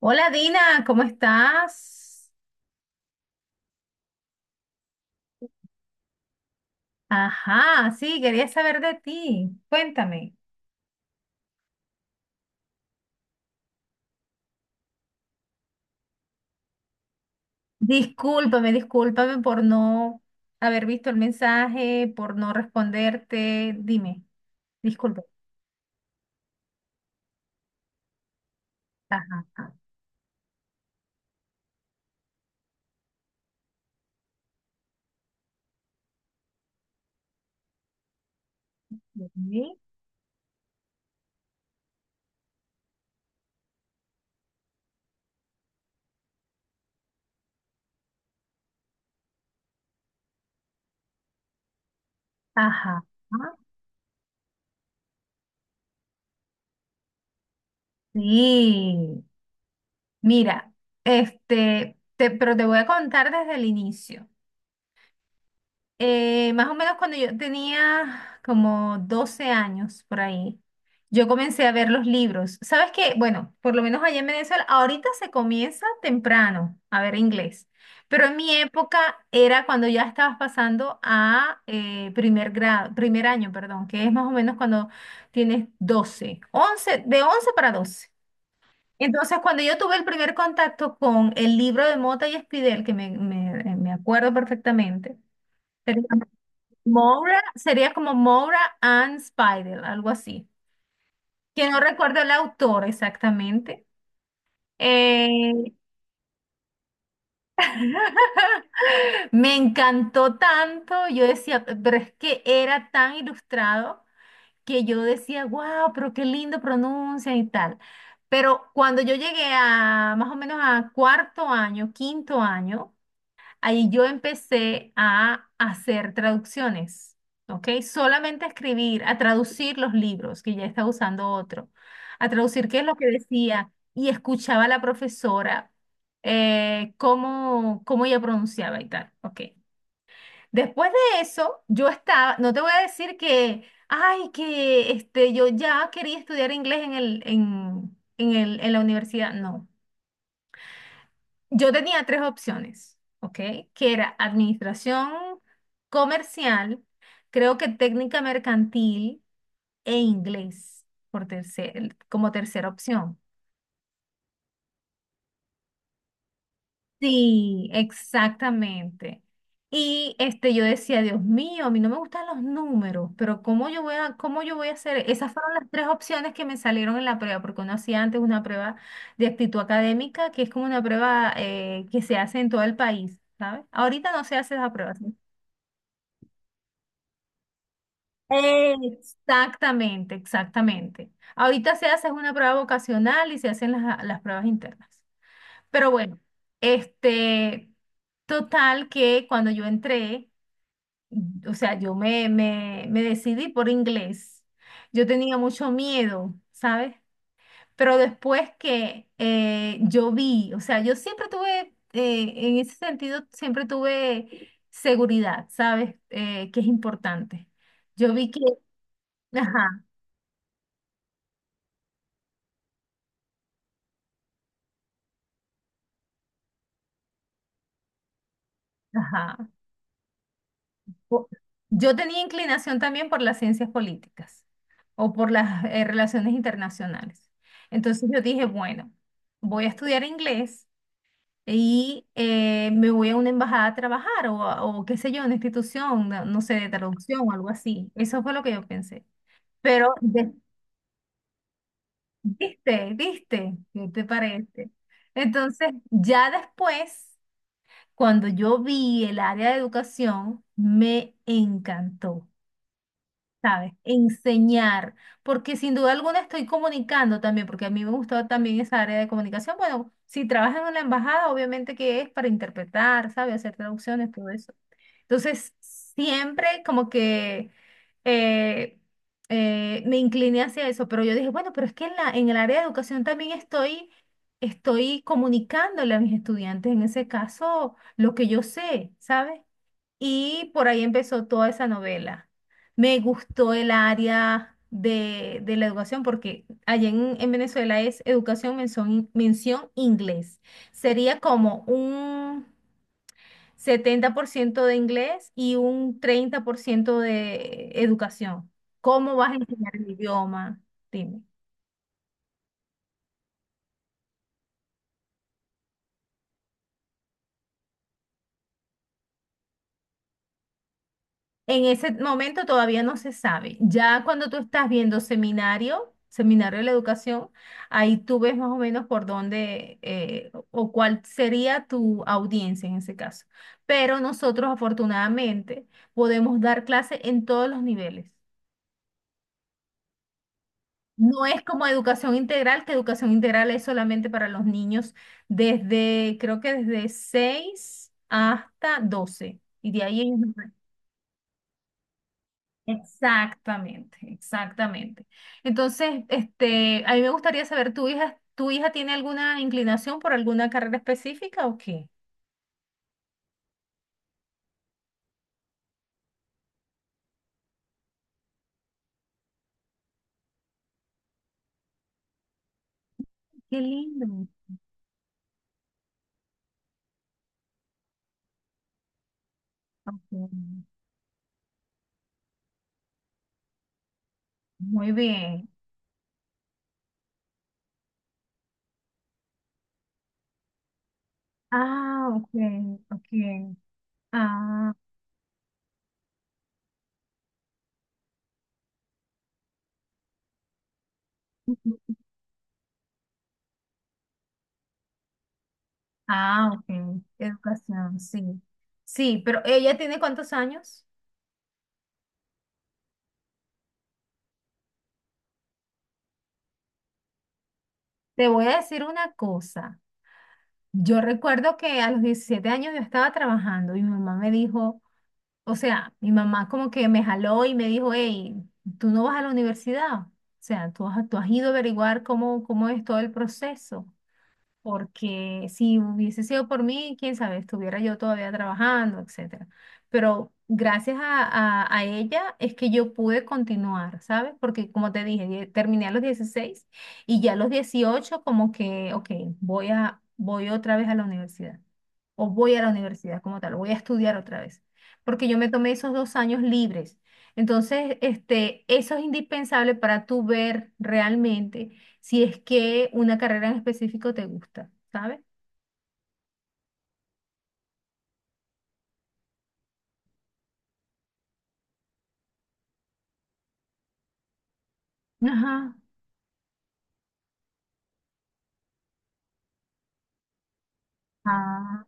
Hola Dina, ¿cómo estás? Ajá, sí, quería saber de ti. Cuéntame. Discúlpame por no haber visto el mensaje, por no responderte. Dime, disculpe. Ajá, ajá. Ok. Ajá. Ajá. Sí. Mira, pero te voy a contar desde el inicio. Más o menos cuando yo tenía como 12 años por ahí, yo comencé a ver los libros. ¿Sabes qué? Bueno, por lo menos allá en Venezuela, ahorita se comienza temprano a ver inglés, pero en mi época era cuando ya estabas pasando a primer grado, primer año, perdón, que es más o menos cuando tienes 12, 11, de 11 para 12. Entonces, cuando yo tuve el primer contacto con el libro de Mota y Espidel, que me acuerdo perfectamente. Moira sería como Moira and Spider, algo así. Que no recuerdo el autor exactamente. Eh, me encantó tanto, yo decía, pero es que era tan ilustrado que yo decía, wow, pero qué lindo pronuncia y tal. Pero cuando yo llegué a más o menos a cuarto año, quinto año, ahí yo empecé a hacer traducciones, ¿ok? Solamente a escribir, a traducir los libros, que ya estaba usando otro, a traducir qué es lo que decía y escuchaba a la profesora cómo, cómo ella pronunciaba y tal, ¿ok? Después de eso, yo estaba, no te voy a decir que, ay, que este, yo ya quería estudiar inglés en la universidad, no. Yo tenía tres opciones, ¿ok? Que era administración comercial, creo que técnica mercantil e inglés por tercer, como tercera opción. Sí, exactamente. Y este, yo decía, Dios mío, a mí no me gustan los números, pero ¿cómo yo voy a, cómo yo voy a hacer? Esas fueron las tres opciones que me salieron en la prueba, porque uno hacía antes una prueba de actitud académica, que es como una prueba que se hace en todo el país, ¿sabes? Ahorita no se hace esa prueba. Exactamente, exactamente. Ahorita se hace una prueba vocacional y se hacen las pruebas internas. Pero bueno, este, total que cuando yo entré, o sea, yo me decidí por inglés. Yo tenía mucho miedo, ¿sabes? Pero después que yo vi, o sea, yo siempre tuve, en ese sentido, siempre tuve seguridad, ¿sabes? Que es importante. Yo vi que... Ajá. Ajá. Po- Yo tenía inclinación también por las ciencias políticas o por las relaciones internacionales. Entonces yo dije, bueno, voy a estudiar inglés y me voy a una embajada a trabajar o qué sé yo, una institución, no, no sé, de traducción o algo así. Eso fue lo que yo pensé. Pero, de- viste, viste, ¿qué te parece? Entonces, ya después, cuando yo vi el área de educación, me encantó. ¿Sabes? Enseñar, porque sin duda alguna estoy comunicando también, porque a mí me gustó también esa área de comunicación. Bueno, si trabajas en la embajada, obviamente que es para interpretar, ¿sabes? Hacer traducciones, todo eso. Entonces, siempre como que eh, me incliné hacia eso, pero yo dije, bueno, pero es que en el área de educación también estoy comunicándole a mis estudiantes, en ese caso, lo que yo sé, ¿sabes? Y por ahí empezó toda esa novela. Me gustó el área de la educación porque allá en Venezuela es educación mención, mención inglés. Sería como un 70% de inglés y un 30% de educación. ¿Cómo vas a enseñar el idioma? En ese momento todavía no se sabe. Ya cuando tú estás viendo seminario, seminario de la educación, ahí tú ves más o menos por dónde o cuál sería tu audiencia en ese caso. Pero nosotros afortunadamente podemos dar clase en todos los niveles. No es como educación integral, que educación integral es solamente para los niños desde, creo que desde 6 hasta 12. Y de ahí ellos... Exactamente, exactamente. Entonces, este, a mí me gustaría saber, tu hija tiene alguna inclinación por alguna carrera específica o qué? Qué lindo. Ok. Muy bien. Ah, ok, ok. Ah, ujú. Ah, ok. Educación, sí. Sí, pero ¿ella tiene cuántos años? Te voy a decir una cosa. Yo recuerdo que a los 17 años yo estaba trabajando y mi mamá me dijo, o sea, mi mamá como que me jaló y me dijo, hey, tú no vas a la universidad. O sea, tú has ido a averiguar cómo, cómo es todo el proceso porque si hubiese sido por mí, quién sabe, estuviera yo todavía trabajando, etcétera. Pero gracias a ella es que yo pude continuar, ¿sabes? Porque como te dije, terminé a los 16 y ya a los 18 como que, ok, voy a, voy otra vez a la universidad o voy a la universidad como tal, voy a estudiar otra vez, porque yo me tomé esos 2 años libres. Entonces, este, eso es indispensable para tú ver realmente si es que una carrera en específico te gusta, ¿sabes? Ajá. Ah,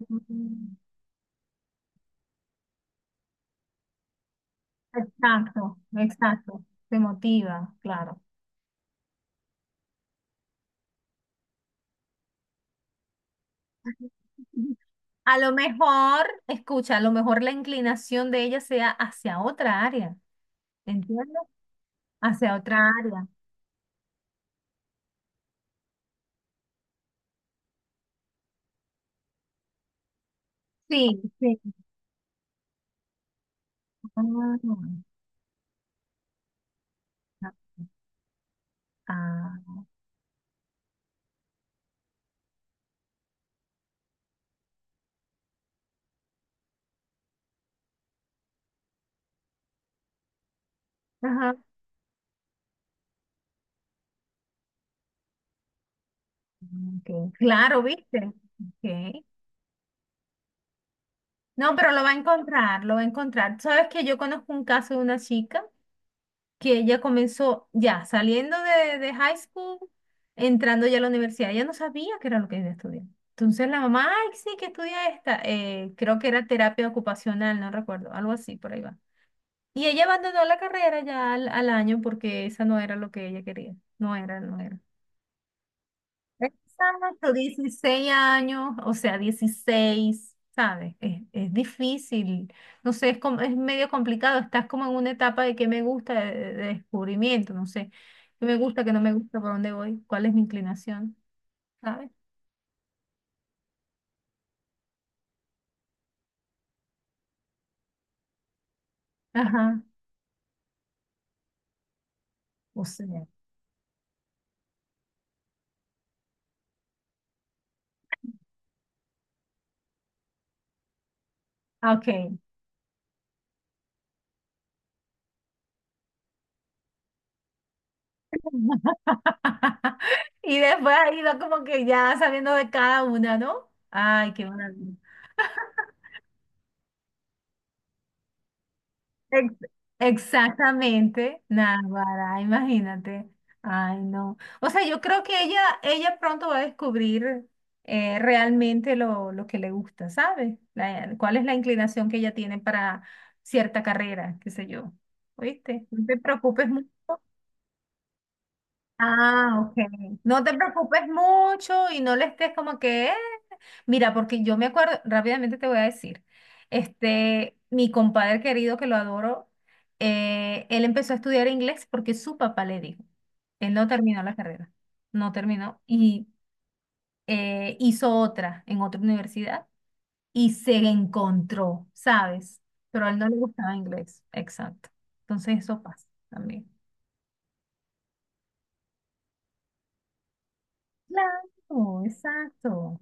exacto, exacto. Te motiva, claro. A lo mejor, escucha, a lo mejor la inclinación de ella sea hacia otra área, ¿entiendes? Hacia otra área. Sí, sí. Ah, ah, ajá. Ok. Claro, ¿viste? Ok. No, pero lo va a encontrar, lo va a encontrar. Sabes que yo conozco un caso de una chica que ella comenzó ya saliendo de high school, entrando ya a la universidad. Ella no sabía qué era lo que ella estudiaba. Entonces la mamá, ay, sí, que estudia esta. Creo que era terapia ocupacional, no recuerdo, algo así, por ahí va. Y ella abandonó la carrera ya al año porque esa no era lo que ella quería. No era, no era. Exacto, 16 años, o sea, 16, ¿sabes? Es difícil, no sé, es, es medio complicado, estás como en una etapa de qué me gusta, de descubrimiento, no sé, qué me gusta, qué no me gusta, por dónde voy, cuál es mi inclinación, ¿sabes? Ajá, o sea, ah, ok. Y después ha ido como que ya sabiendo de cada una, ¿no? Ay, qué maravilla. Ex- Exactamente, Navarra, imagínate. Ay, no. O sea, yo creo que ella pronto va a descubrir realmente lo que le gusta, ¿sabes? Cuál es la inclinación que ella tiene para cierta carrera, qué sé yo. ¿Oíste? No te preocupes. Ah, ok. No te preocupes mucho y no le estés como que, "Eh". Mira, porque yo me acuerdo, rápidamente te voy a decir, este, mi compadre querido que lo adoro, él empezó a estudiar inglés porque su papá le dijo, él no terminó la carrera, no terminó y hizo otra en otra universidad y se encontró, ¿sabes? Pero a él no le gustaba inglés, exacto. Entonces eso pasa también. Claro, exacto.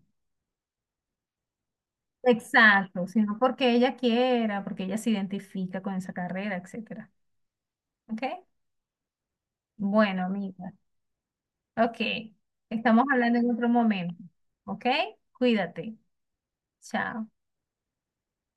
Exacto, sino porque ella quiera, porque ella se identifica con esa carrera, etcétera. ¿Ok? Bueno, amiga. Ok. Estamos hablando en otro momento. ¿Ok? Cuídate. Chao.